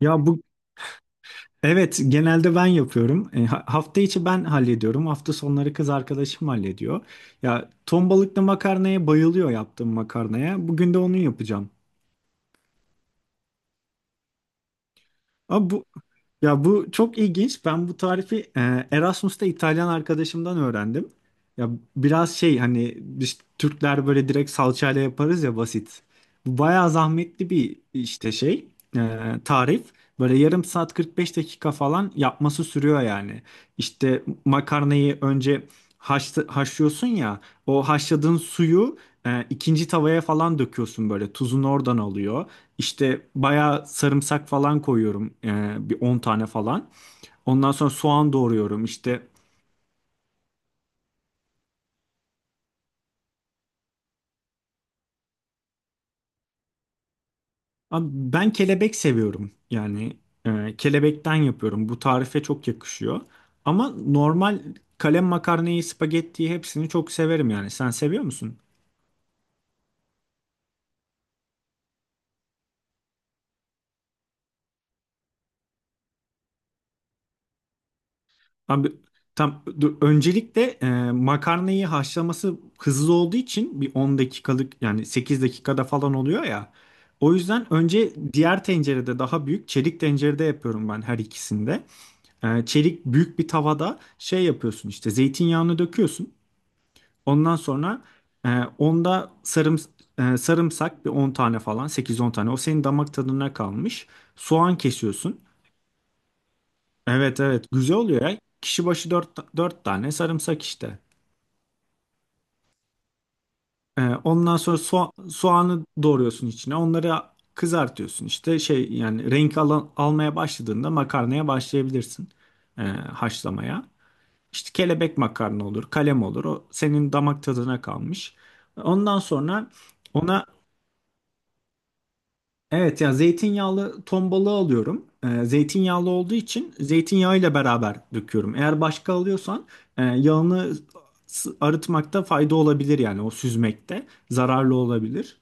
Ya bu Evet, genelde ben yapıyorum. Hafta içi ben hallediyorum. Hafta sonları kız arkadaşım hallediyor. Ya, ton balıklı makarnaya bayılıyor, yaptığım makarnaya. Bugün de onu yapacağım. Ama bu Ya, bu çok ilginç. Ben bu tarifi Erasmus'ta İtalyan arkadaşımdan öğrendim. Ya, biraz şey, hani biz Türkler böyle direkt salçayla yaparız ya, basit. Bu bayağı zahmetli bir işte, e, tarif. Böyle yarım saat, 45 dakika falan yapması sürüyor yani. İşte makarnayı önce haşlıyorsun ya. O haşladığın suyu ikinci tavaya falan döküyorsun böyle. Tuzunu oradan alıyor. İşte bayağı sarımsak falan koyuyorum, bir 10 tane falan. Ondan sonra soğan doğruyorum. Abi, ben kelebek seviyorum. Yani kelebekten yapıyorum. Bu tarife çok yakışıyor. Ama normal kalem makarnayı, spagettiyi, hepsini çok severim yani. Sen seviyor musun? Abi tam dur, öncelikle makarnayı haşlaması hızlı olduğu için bir 10 dakikalık, yani 8 dakikada falan oluyor ya. O yüzden önce diğer tencerede, daha büyük çelik tencerede yapıyorum ben, her ikisinde. Çelik büyük bir tavada yapıyorsun işte, zeytinyağını döküyorsun. Ondan sonra e, onda sarım, sarımsak bir 10 tane falan, sekiz on tane, o senin damak tadına kalmış. Soğan kesiyorsun. Evet, evet, güzel oluyor ya. Kişi başı dört tane sarımsak işte. Ondan sonra soğanı doğruyorsun içine. Onları kızartıyorsun işte, yani renk almaya başladığında makarnaya başlayabilirsin haşlamaya. İşte kelebek makarna olur, kalem olur. O senin damak tadına kalmış. Ondan sonra ona Evet ya, zeytinyağlı ton balığı alıyorum. Zeytinyağlı olduğu için zeytinyağıyla beraber döküyorum. Eğer başka alıyorsan yağını arıtmakta fayda olabilir, yani o süzmekte zararlı olabilir.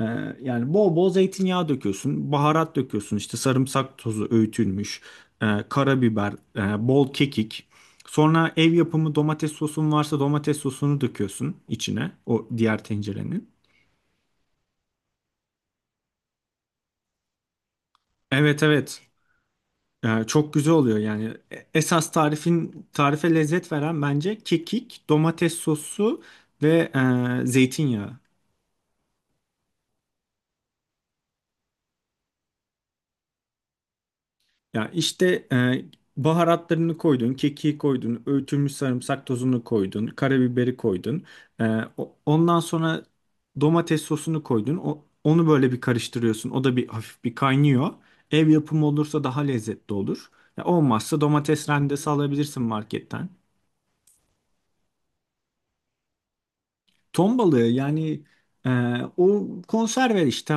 Ee, Yani bol bol zeytinyağı döküyorsun, baharat döküyorsun işte, sarımsak tozu öğütülmüş, karabiber, bol kekik. Sonra ev yapımı domates sosun varsa, domates sosunu döküyorsun içine, o diğer tencerenin. Evet, evet. Çok güzel oluyor yani. E- Esas tarifin Tarife lezzet veren bence kekik, domates sosu ve zeytinyağı. Ya işte, baharatlarını koydun, kekiği koydun, öğütülmüş sarımsak tozunu koydun, karabiberi koydun. E, Ondan sonra domates sosunu koydun. Onu böyle bir karıştırıyorsun. O da bir hafif bir kaynıyor. Ev yapımı olursa daha lezzetli olur. Ya olmazsa domates rendesi alabilirsin marketten. Ton balığı yani, e, o konserve işte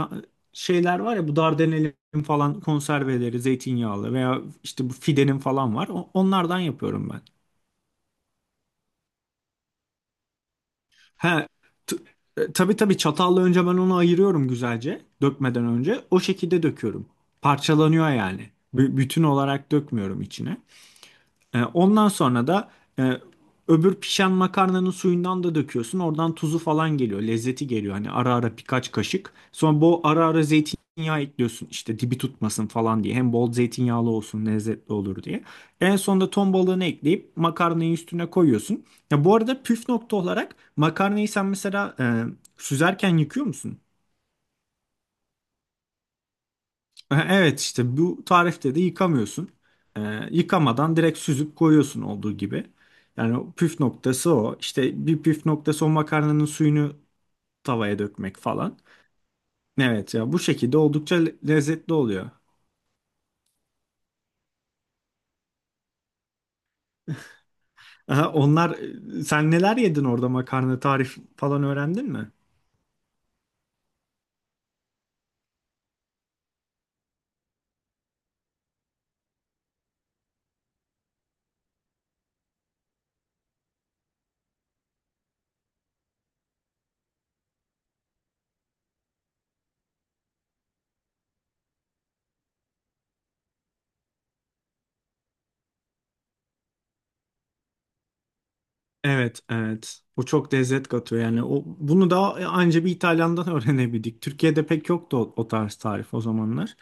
şeyler var ya, bu Dardanel'in falan konserveleri zeytinyağlı, veya işte bu Fide'nin falan var. Onlardan yapıyorum ben. He. t- tabii, tabii, çatalla önce ben onu ayırıyorum güzelce, dökmeden önce. O şekilde döküyorum. Parçalanıyor yani. Bütün olarak dökmüyorum içine. Ondan sonra da e, öbür pişen makarnanın suyundan da döküyorsun. Oradan tuzu falan geliyor. Lezzeti geliyor. Hani ara ara birkaç kaşık. Sonra bu ara ara zeytinyağı ekliyorsun. İşte dibi tutmasın falan diye. Hem bol zeytinyağlı olsun, lezzetli olur diye. En sonunda ton balığını ekleyip makarnayı üstüne koyuyorsun. Ya bu arada, püf nokta olarak makarnayı sen mesela süzerken yıkıyor musun? Evet, işte bu tarifte de yıkamıyorsun. E, Yıkamadan direkt süzüp koyuyorsun olduğu gibi. Yani o püf noktası o. İşte bir püf noktası, o makarnanın suyunu tavaya dökmek falan. Evet ya, bu şekilde oldukça lezzetli oluyor. Aha, onlar Sen neler yedin orada, makarna tarif falan öğrendin mi? Evet, evet. O çok lezzet katıyor yani. O, bunu da anca bir İtalyan'dan öğrenebildik. Türkiye'de pek yoktu o tarz tarif, o zamanlar.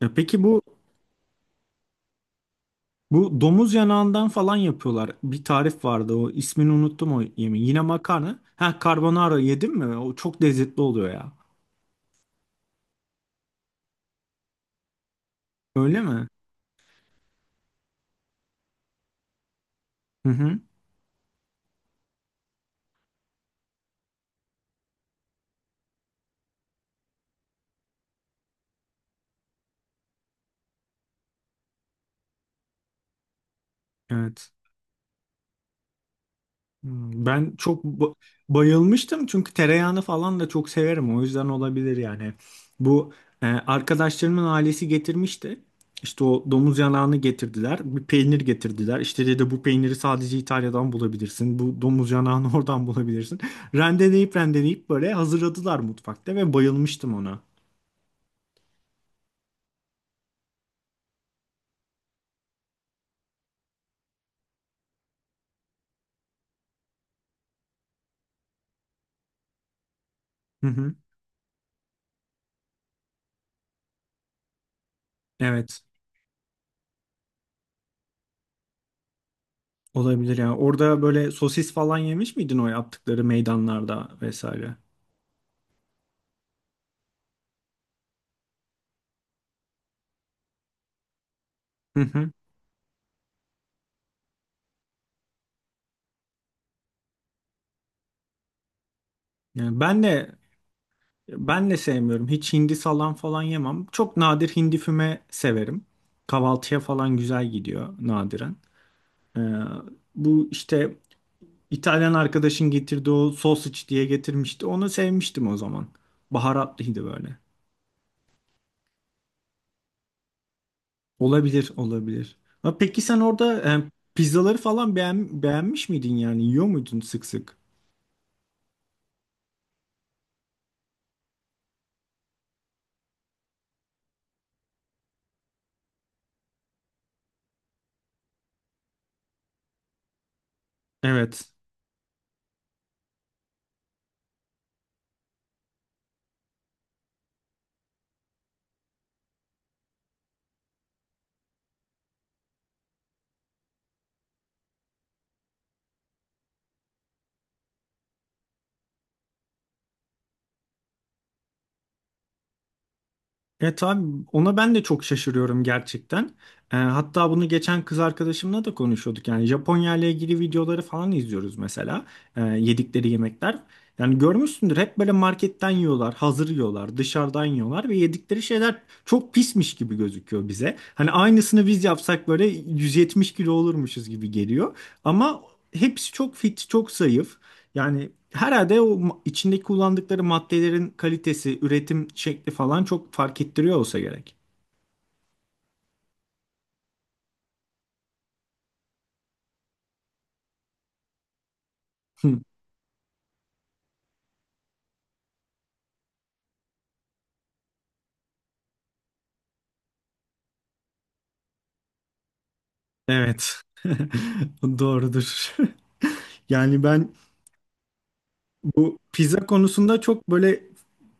E, peki bu Bu domuz yanağından falan yapıyorlar. Bir tarif vardı, o ismini unuttum, o yemeğin. Yine makarna. Ha, carbonara yedim mi? O çok lezzetli oluyor ya. Öyle mi? Hı hı. Evet. Hmm. Ben çok bayılmıştım çünkü tereyağını falan da çok severim. O yüzden olabilir yani. Bu, arkadaşlarımın ailesi getirmişti. İşte o domuz yanağını getirdiler. Bir peynir getirdiler. İşte dedi, bu peyniri sadece İtalya'dan bulabilirsin. Bu domuz yanağını oradan bulabilirsin. Rendeleyip rendeleyip böyle hazırladılar mutfakta ve bayılmıştım ona. Hı hı. Evet. Olabilir yani. Orada böyle sosis falan yemiş miydin, o yaptıkları meydanlarda vesaire? Hı hı. Yani ben de sevmiyorum. Hiç hindi salam falan yemem. Çok nadir hindi füme severim. Kahvaltıya falan güzel gidiyor nadiren. Ee, Bu işte, İtalyan arkadaşın getirdiği o sausage diye getirmişti. Onu sevmiştim o zaman. Baharatlıydı böyle. Olabilir, olabilir. Ha, peki sen orada pizzaları falan beğenmiş miydin yani? Yiyor muydun sık sık? Evet. Evet abi, ona ben de çok şaşırıyorum gerçekten. Hatta bunu geçen kız arkadaşımla da konuşuyorduk. Yani Japonya ile ilgili videoları falan izliyoruz mesela. Yedikleri yemekler. Yani görmüşsündür, hep böyle marketten yiyorlar, hazır yiyorlar, dışarıdan yiyorlar ve yedikleri şeyler çok pismiş gibi gözüküyor bize. Hani aynısını biz yapsak böyle 170 kilo olurmuşuz gibi geliyor. Ama hepsi çok fit, çok zayıf. Yani herhalde o içindeki kullandıkları maddelerin kalitesi, üretim şekli falan çok fark ettiriyor olsa gerek. Hı, evet. Doğrudur. Yani ben bu pizza konusunda çok böyle...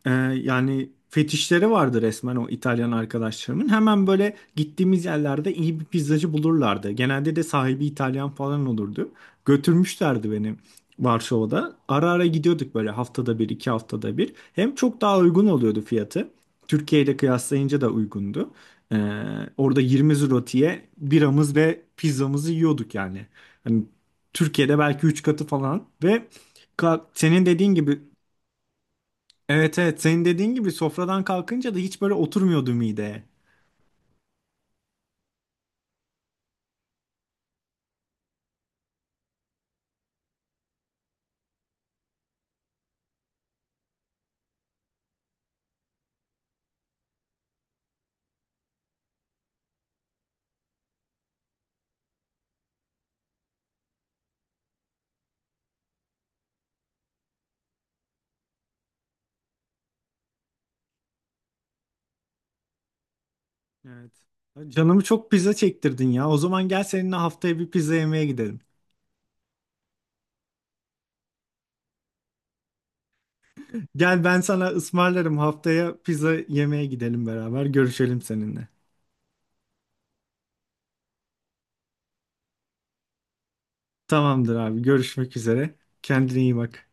Ee, Yani fetişleri vardı resmen, o İtalyan arkadaşlarımın. Hemen böyle gittiğimiz yerlerde iyi bir pizzacı bulurlardı. Genelde de sahibi İtalyan falan olurdu. Götürmüşlerdi beni Varşova'da. Ara ara gidiyorduk böyle, haftada bir, iki haftada bir. Hem çok daha uygun oluyordu fiyatı. Türkiye ile kıyaslayınca da uygundu. Ee, Orada 20 zlotiye biramız ve pizzamızı yiyorduk yani. Hani Türkiye'de belki 3 katı falan ve ka- senin dediğin gibi evet, evet, senin dediğin gibi sofradan kalkınca da hiç böyle oturmuyordu mideye. Evet. Canımı çok pizza çektirdin ya. O zaman gel, seninle haftaya bir pizza yemeye gidelim. Gel, ben sana ısmarlarım, haftaya pizza yemeye gidelim beraber. Görüşelim seninle. Tamamdır abi, görüşmek üzere. Kendine iyi bak.